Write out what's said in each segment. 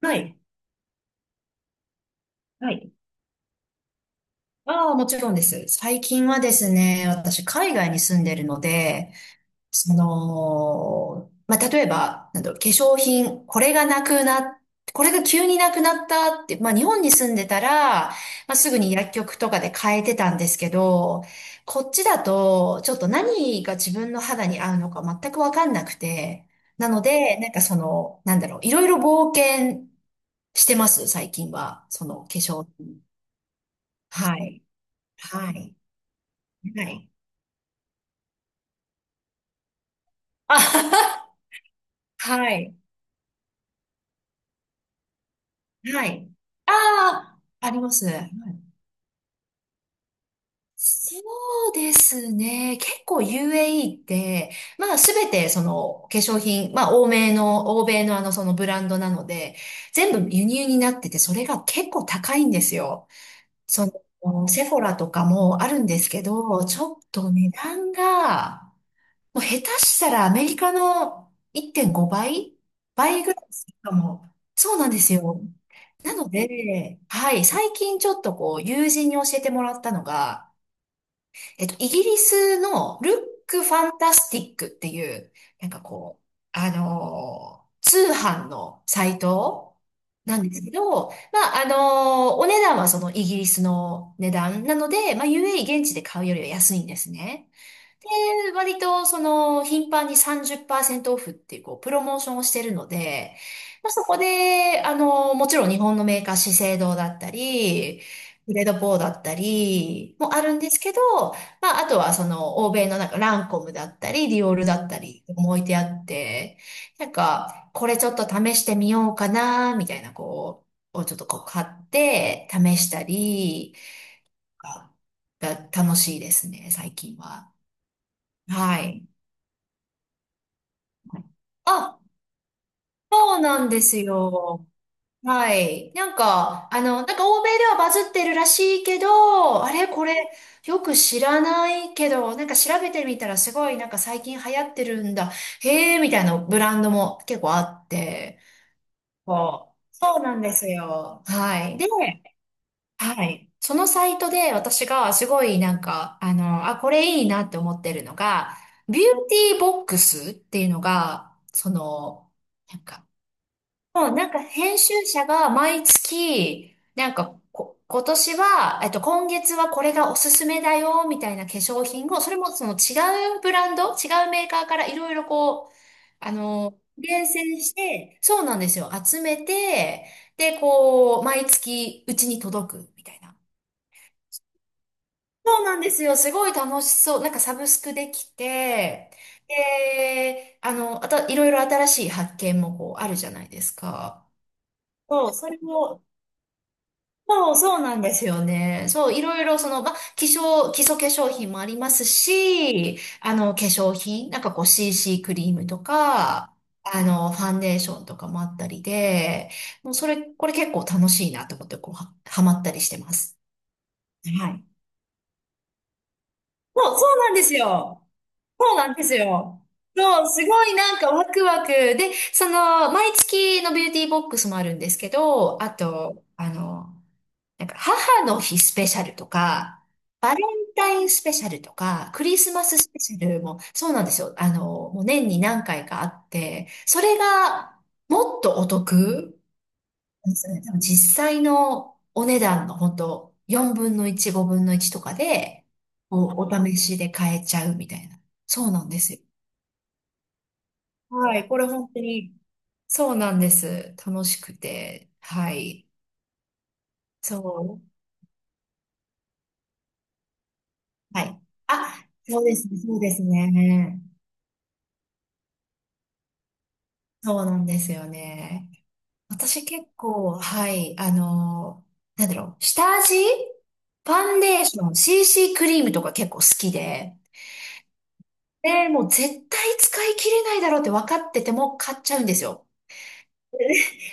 はい。はい。ああ、もちろんです。最近はですね、私、海外に住んでるので、その、まあ、例えば、なんだろう、化粧品、これが急になくなったって、まあ、日本に住んでたら、まあ、すぐに薬局とかで買えてたんですけど、こっちだと、ちょっと何が自分の肌に合うのか全くわかんなくて、なので、なんかその、なんだろう、いろいろ冒険してます、最近は。その化粧品。はい。はい。はい。あはは。はい。はい。ああ、あります。はい。そうですね。結構 UAE って、まあすべてその化粧品、まあ欧米のあのそのブランドなので、全部輸入になってて、それが結構高いんですよ。その、セフォラとかもあるんですけど、ちょっと値段が、もう下手したらアメリカの1.5倍ぐらいするかも。そうなんですよ。なので、はい、最近ちょっとこう、友人に教えてもらったのが、イギリスのルックファンタスティックっていう、なんかこう、通販のサイトなんですけど、まあ、お値段はそのイギリスの値段なので、まあ、UAE 現地で買うよりは安いんですね。で、割と、その、頻繁に30%オフっていう、こう、プロモーションをしてるので、まあ、そこで、あの、もちろん日本のメーカー、資生堂だったり、グレードポーだったりもあるんですけど、まあ、あとはその、欧米のなんか、ランコムだったり、ディオールだったり、置いてあって、なんか、これちょっと試してみようかな、みたいな、こう、をちょっとこう、買って、試したり、がが楽しいですね、最近は。はい。あ、そうなんですよ。はい。なんか、あの、なんか欧米ではバズってるらしいけど、あれこれよく知らないけど、なんか調べてみたらすごいなんか最近流行ってるんだ。へえ、みたいなブランドも結構あって。そうそうなんですよ。はい。で、はい。そのサイトで私がすごいなんか、あの、あ、これいいなって思ってるのが、ビューティーボックスっていうのが、その、なんか、もうなんか編集者が毎月、なんかこ、今年は、今月はこれがおすすめだよ、みたいな化粧品を、それもその違うブランド、違うメーカーからいろいろこう、あの、厳選して、そうなんですよ。集めて、で、こう、毎月うちに届く、みたいな。そうなんですよ。すごい楽しそう。なんかサブスクできて、で、あの、あと、いろいろ新しい発見もこう、あるじゃないですか。そう、それをそう、そうなんですよね。そう、いろいろその、まあ、化粧、基礎化粧品もありますし、あの、化粧品、なんかこう CC クリームとか、あの、ファンデーションとかもあったりで、もうそれ、これ結構楽しいなと思って、こう、はまったりしてます。はい。そう、そうなんですよ。そうなんですよ。そう、すごいなんかワクワク。で、その、毎月のビューティーボックスもあるんですけど、あと、あの、なんか母の日スペシャルとか、バレンタインスペシャルとか、クリスマススペシャルもそうなんですよ。あの、もう年に何回かあって、それがもっとお得なんですよね。多分実際のお値段の本当4分の1、5分の1とかで、お試しで買えちゃうみたいな。そうなんですよ。はい。これ本当に、そうなんです。楽しくて。はい。そう。はい。あ、そうですね。そうですね。そうなんですよね。私結構、はい、あの、なんだろう、下味ファンデーション、CC クリームとか結構好きで、で、もう絶対使い切れないだろうって分かってても買っちゃうんですよ。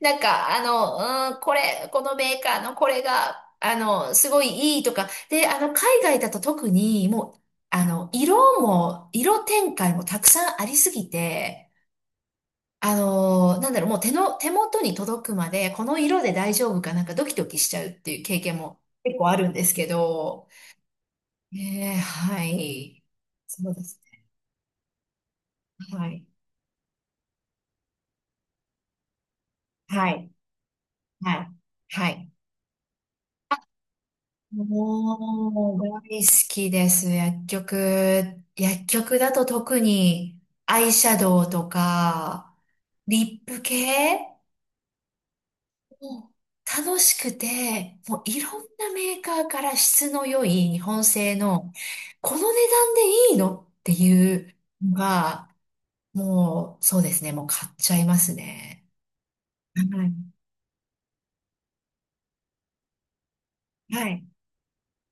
なんか、あの、うん、これ、このメーカーのこれが、あの、すごいいいとか、で、あの、海外だと特にもう、あの、色も、色展開もたくさんありすぎて、あのーなんだろう、もう手元に届くまで、この色で大丈夫かなんかドキドキしちゃうっていう経験も結構あるんですけど、ねえー、はい。そうですね。はい。はい。はい。はい。もう、大好きです。薬局。薬局だと特に、アイシャドウとか、リップ系もう楽しくて、もういろんなメーカーから質の良い日本製の、この値段でいいのっていうのが、もうそうですね、もう買っちゃいますね。はい。はい。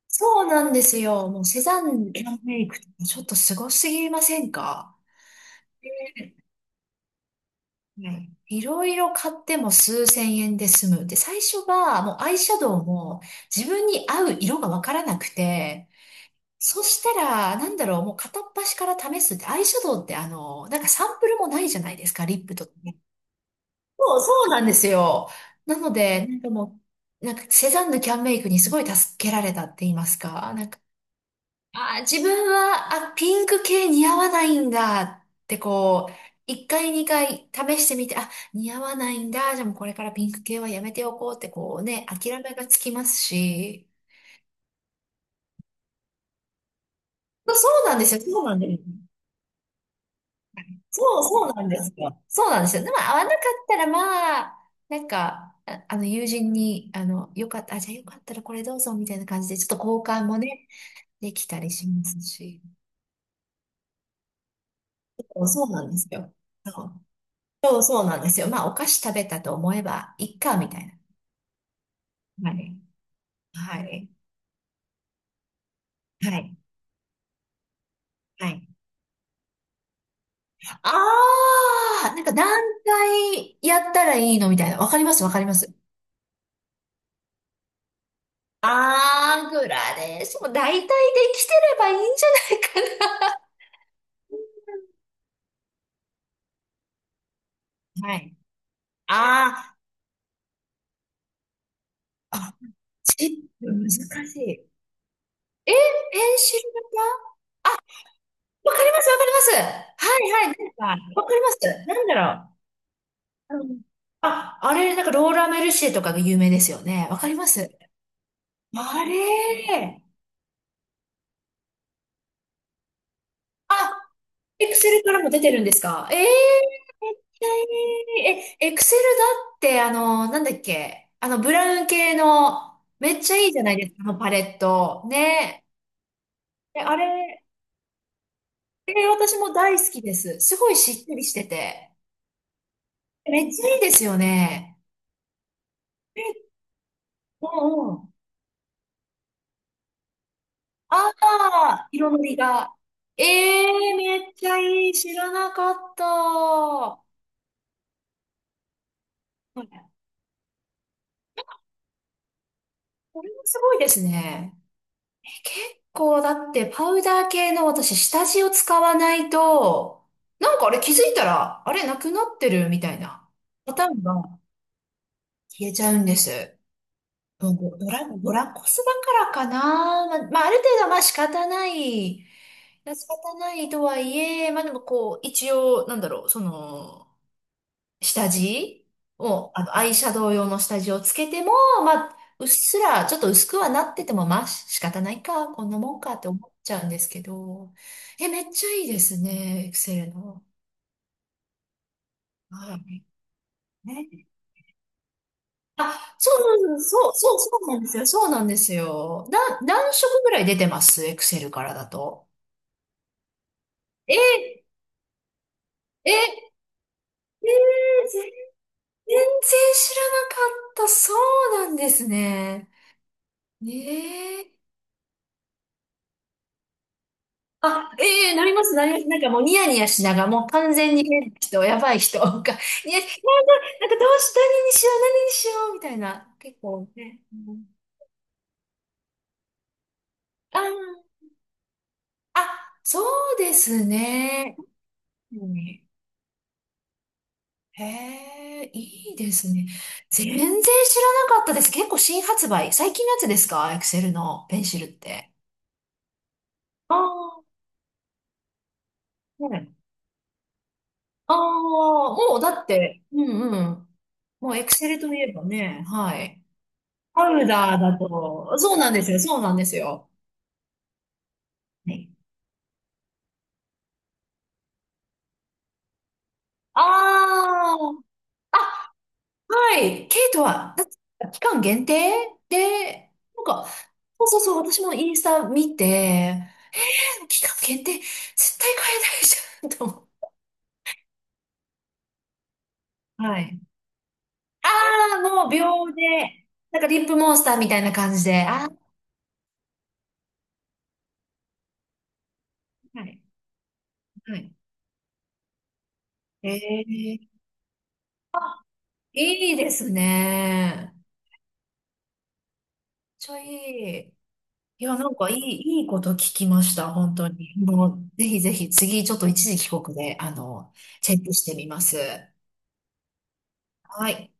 そうなんですよ。もうセザンヌのメイクってちょっとすごすぎませんか？はい。いろいろ買っても数千円で済む。で、最初はもうアイシャドウも自分に合う色がわからなくて、そしたら、なんだろう、もう片っ端から試すって、アイシャドウってあの、なんかサンプルもないじゃないですか、リップとかね。そう、そうなんですよ。なので、なんかもう、なんかセザンヌキャンメイクにすごい助けられたって言いますか、なんか、あー、自分は、あ、ピンク系似合わないんだってこう、一回二回試してみて、あ、似合わないんだ、じゃあもうこれからピンク系はやめておこうってこうね、諦めがつきますし、そうなんですよ、そうなんです。そう、そうなんですよ。そうなんですよ。でも会わなかったら、まあ、なんか、友人に、あの、よかった、あ、じゃあよかったらこれどうぞ、みたいな感じで、ちょっと交換もね、できたりしますし。そうそうなんですよ。そう、そうそうなんですよ。まあ、お菓子食べたと思えば、いっか、みたいな。はい。はい。はい。はい。あー、なんか何回やったらいいのみたいな。わかります、わかります。あー、グラデーション、大体できてればいいんじゃないかな。はい。あーあ、チップ難しい。え、ペンシル型わかります、わかります。はい、はい、なんか、わかります。なんだろう。うんあ、あれ、なんかローラーメルシエとかが有名ですよね。わかります。あれ、あ、エクセルからも出てるんですか？ええー、めっちゃいい。え、エクセルだって、あの、なんだっけ、あの、ブラウン系の、めっちゃいいじゃないですか、あのパレット。ね。えあれ、えー、私も大好きです。すごいしっとりしてて。めっちゃいいですよね。え、うんうん。ああ、色のりが。えー、めっちゃいい。知らなかった。はい。これもすごいですね。え結構だってパウダー系の私下地を使わないと、なんかあれ気づいたら、あれなくなってるみたいなパターンが消えちゃうんです。そうドラコスだからかな。まあ、まあある程度はまあ仕方ない。仕方ないとはいえ、まあでもこう、一応、なんだろう、その、下地を、あの、アイシャドウ用の下地をつけても、まあ、うっすら、ちょっと薄くはなってても、まあ仕方ないか、こんなもんかって思っちゃうんですけど。え、めっちゃいいですね、エクセルの。はい。ねあ、そうそうそう、そう、そうなんですよ。そうなんですよ。何色ぐらい出てます？エクセルからだと。え、え、え、えー全然知らなかった。そうなんですね。ええあ、ええなります、なります。なんかもうニヤニヤしながら、もう完全に変な人、やばい人が、いや、なんか、なんかどうし、何にしよう、何にしよう、みたいな。結構ね。うんあー、あ、そうですね。うんへえ、いいですね。全然知らなかったです。結構新発売。最近のやつですか？エクセルのペンシルって。ああ、はい。ああ、もうだって、うんうん。もうエクセルといえばね、はい。パウダーだと、そうなんですよ、そうなんですよ。はい。ああ、あ、はい。ケイトは、だって期間限定で、なんか、そうそうそう、私もインスタ見て、期間限定、絶対買えないじゃん。はい。ああ、もう秒で、なんかリップモンスターみたいな感じで。ああ、はい。はい。ええいいですね。めっちょいい。いや、なんかいいこと聞きました、本当に。もう、ぜひぜひ、次、ちょっと一時帰国で、あの、チェックしてみます。はい。